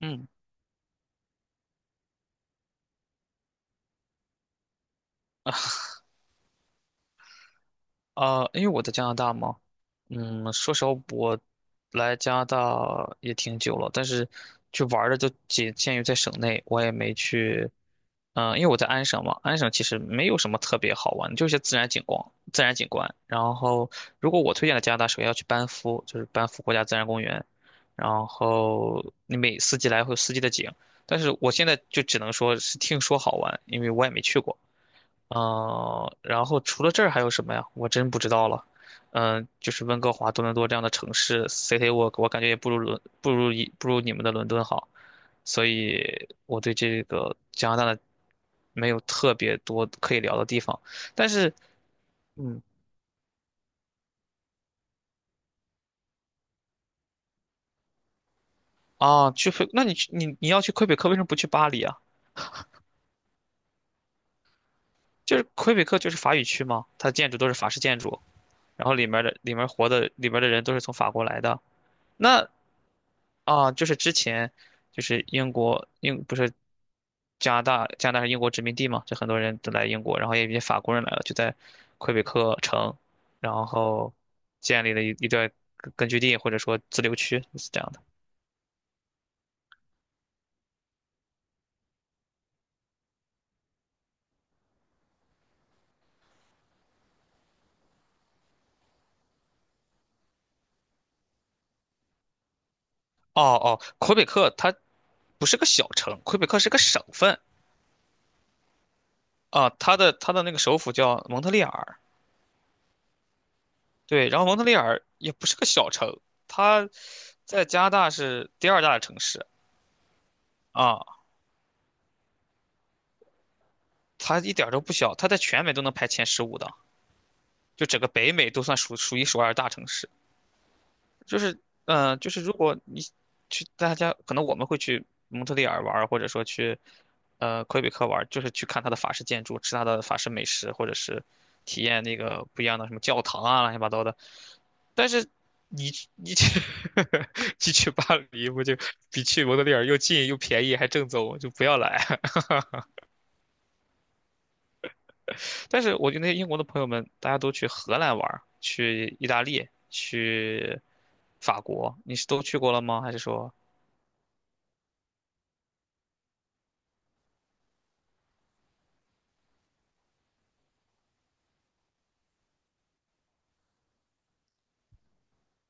嗯，啊、因为我在加拿大嘛，说实话，我来加拿大也挺久了，但是去玩儿的就仅限于在省内，我也没去。因为我在安省嘛，安省其实没有什么特别好玩的，就是一些自然景观。然后，如果我推荐的加拿大，首先要去班夫，就是班夫国家自然公园。然后你每四季来会有四季的景，但是我现在就只能说是听说好玩，因为我也没去过。然后除了这儿还有什么呀？我真不知道了。嗯，就是温哥华、多伦多这样的城市，City Walk，我感觉也不如你们的伦敦好。所以我对这个加拿大的没有特别多可以聊的地方。但是，嗯，啊，那你要去魁北克，为什么不去巴黎啊？就是魁北克就是法语区嘛，它的建筑都是法式建筑，然后里面的里面活的里面的人都是从法国来的。那啊，就是之前，就是英国英不是加拿大是英国殖民地嘛，就很多人都来英国，然后也有一些法国人来了，就在魁北克城，然后建立了一段根据地或者说自留区是这样的。哦哦，魁北克它不是个小城，魁北克是个省份啊，它的那个首府叫蒙特利尔，对，然后蒙特利尔也不是个小城，它在加拿大是第二大的城市。啊它一点儿都不小，它在全美都能排前15的，就整个北美都算数一数二的大城市。就是，就是如果你去大家，可能我们会去蒙特利尔玩儿或者说去魁北克玩儿就是去看它的法式建筑，吃它的法式美食，或者是体验那个不一样的什么教堂啊，乱七八糟的。但是你去 你去巴黎，不就比去蒙特利尔又近又便宜还正宗，就不要来。但是我觉得那些英国的朋友们，大家都去荷兰玩儿去意大利，去法国，你是都去过了吗？还是说，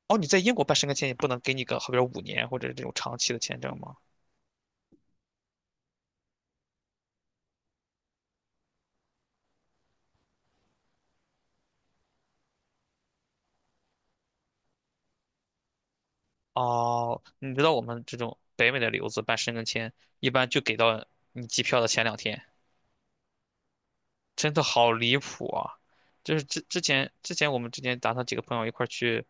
哦，你在英国办申根签也不能给你个，好比说5年或者这种长期的签证吗？哦，你知道我们这种北美的留子办申根签，一般就给到你机票的前两天。真的好离谱啊！就是之之前之前我们之前打算几个朋友一块儿去，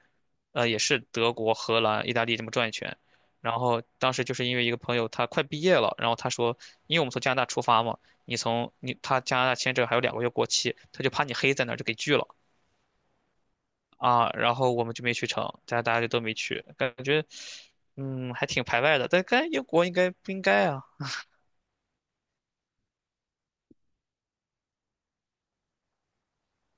也是德国、荷兰、意大利这么转一圈。然后当时就是因为一个朋友他快毕业了，然后他说，因为我们从加拿大出发嘛，你从你他加拿大签证还有2个月过期，他就怕你黑在那儿就给拒了啊。然后我们就没去成，大家就都没去，感觉还挺排外的。但跟英国应该不应该啊？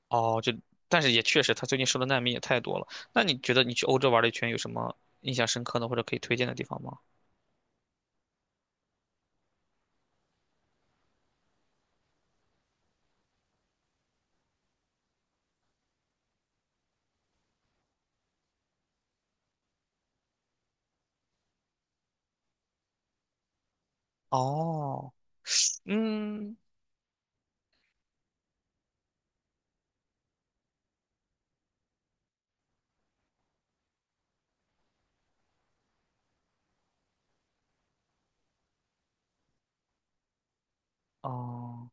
哦，但是也确实，他最近收的难民也太多了。那你觉得你去欧洲玩了一圈，有什么印象深刻的或者可以推荐的地方吗？哦，嗯，哦，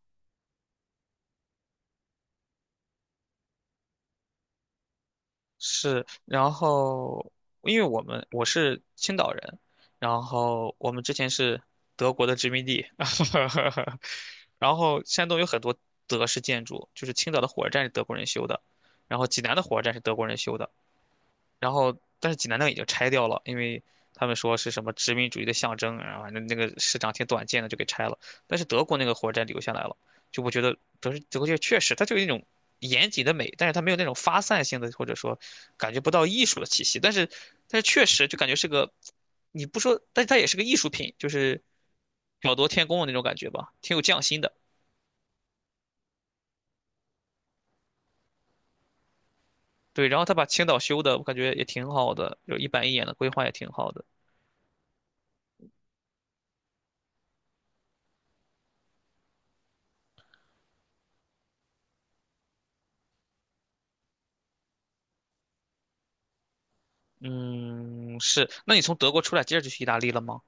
是。然后，因为我是青岛人，然后我们之前是德国的殖民地，然后山东有很多德式建筑，就是青岛的火车站是德国人修的，然后济南的火车站是德国人修的。然后但是济南那个已经拆掉了，因为他们说是什么殖民主义的象征，然后反正那个市长挺短见的，就给拆了。但是德国那个火车站留下来了，就我觉得德国就确实它就有一种严谨的美，但是它没有那种发散性的，或者说感觉不到艺术的气息。但是确实就感觉是个，你不说，但是它也是个艺术品，就是巧夺天工的那种感觉吧，挺有匠心的。对，然后他把青岛修的，我感觉也挺好的，就一板一眼的规划也挺好的。嗯，是。那你从德国出来，接着就去意大利了吗？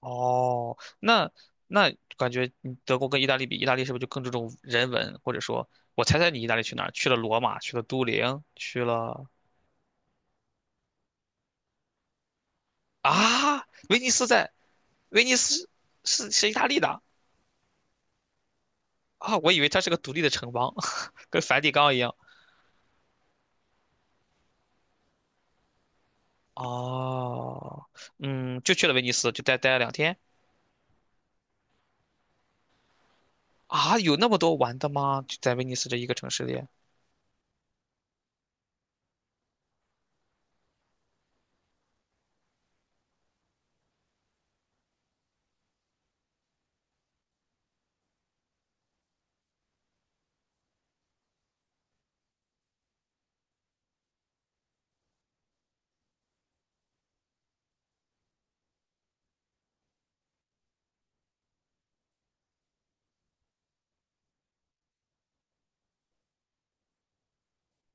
哦，那感觉你德国跟意大利比，意大利是不是就更注重人文？或者说，我猜猜你意大利去哪儿？去了罗马，去了都灵，去了啊，威尼斯在威尼斯是意大利的啊，我以为它是个独立的城邦，跟梵蒂冈一样。哦，嗯，就去了威尼斯，就待了两天啊，有那么多玩的吗？就在威尼斯这一个城市里。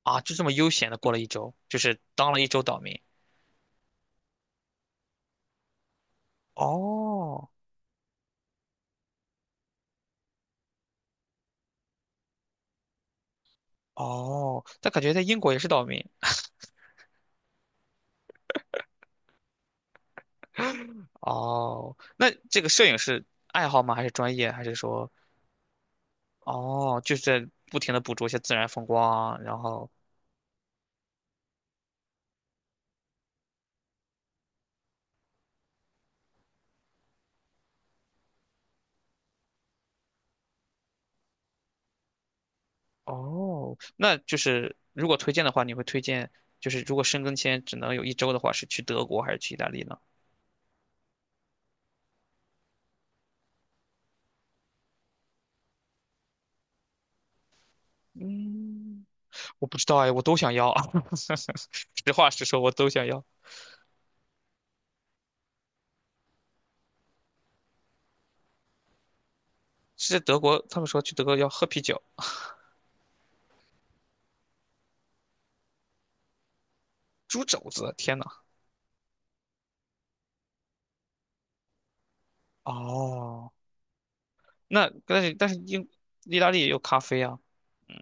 啊，就这么悠闲的过了一周，就是当了一周岛民。哦哦，但感觉在英国也是岛民。哦，那这个摄影是爱好吗？还是专业？还是说，哦，就是在不停的捕捉一些自然风光啊，然后，哦，那就是如果推荐的话，你会推荐，就是如果申根签只能有一周的话，是去德国还是去意大利呢？嗯，我不知道哎，我都想要。实话实说，我都想要。是在德国，他们说去德国要喝啤酒，猪肘子，天呐，哦那但是意大利也有咖啡啊，嗯，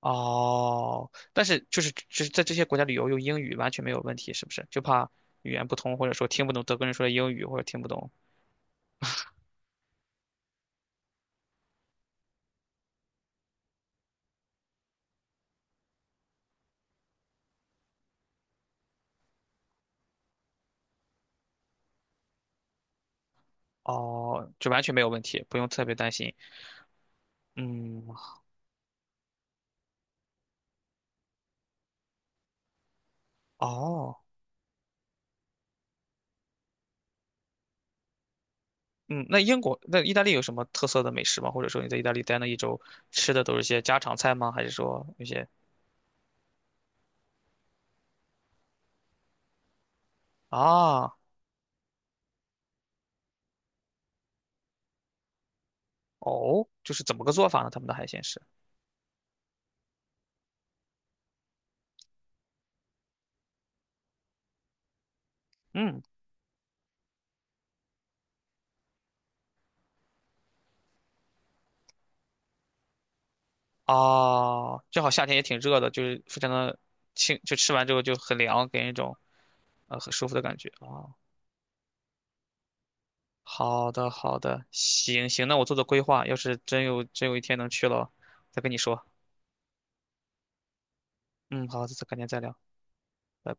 哦，但是就是在这些国家旅游用英语完全没有问题，是不是？就怕语言不通，或者说听不懂德国人说的英语，或者听不懂哦，就完全没有问题，不用特别担心。嗯哦，嗯，那英国那意大利有什么特色的美食吗？或者说你在意大利待了一周吃的都是些家常菜吗？还是说有些啊哦，就是怎么个做法呢？他们的海鲜是？嗯。啊，正好夏天也挺热的，就是非常的清，就吃完之后就很凉，给人一种很舒服的感觉啊。好的，好的，行行，那我做做规划，要是真有一天能去了，再跟你说。嗯，好，再改天再聊。拜拜。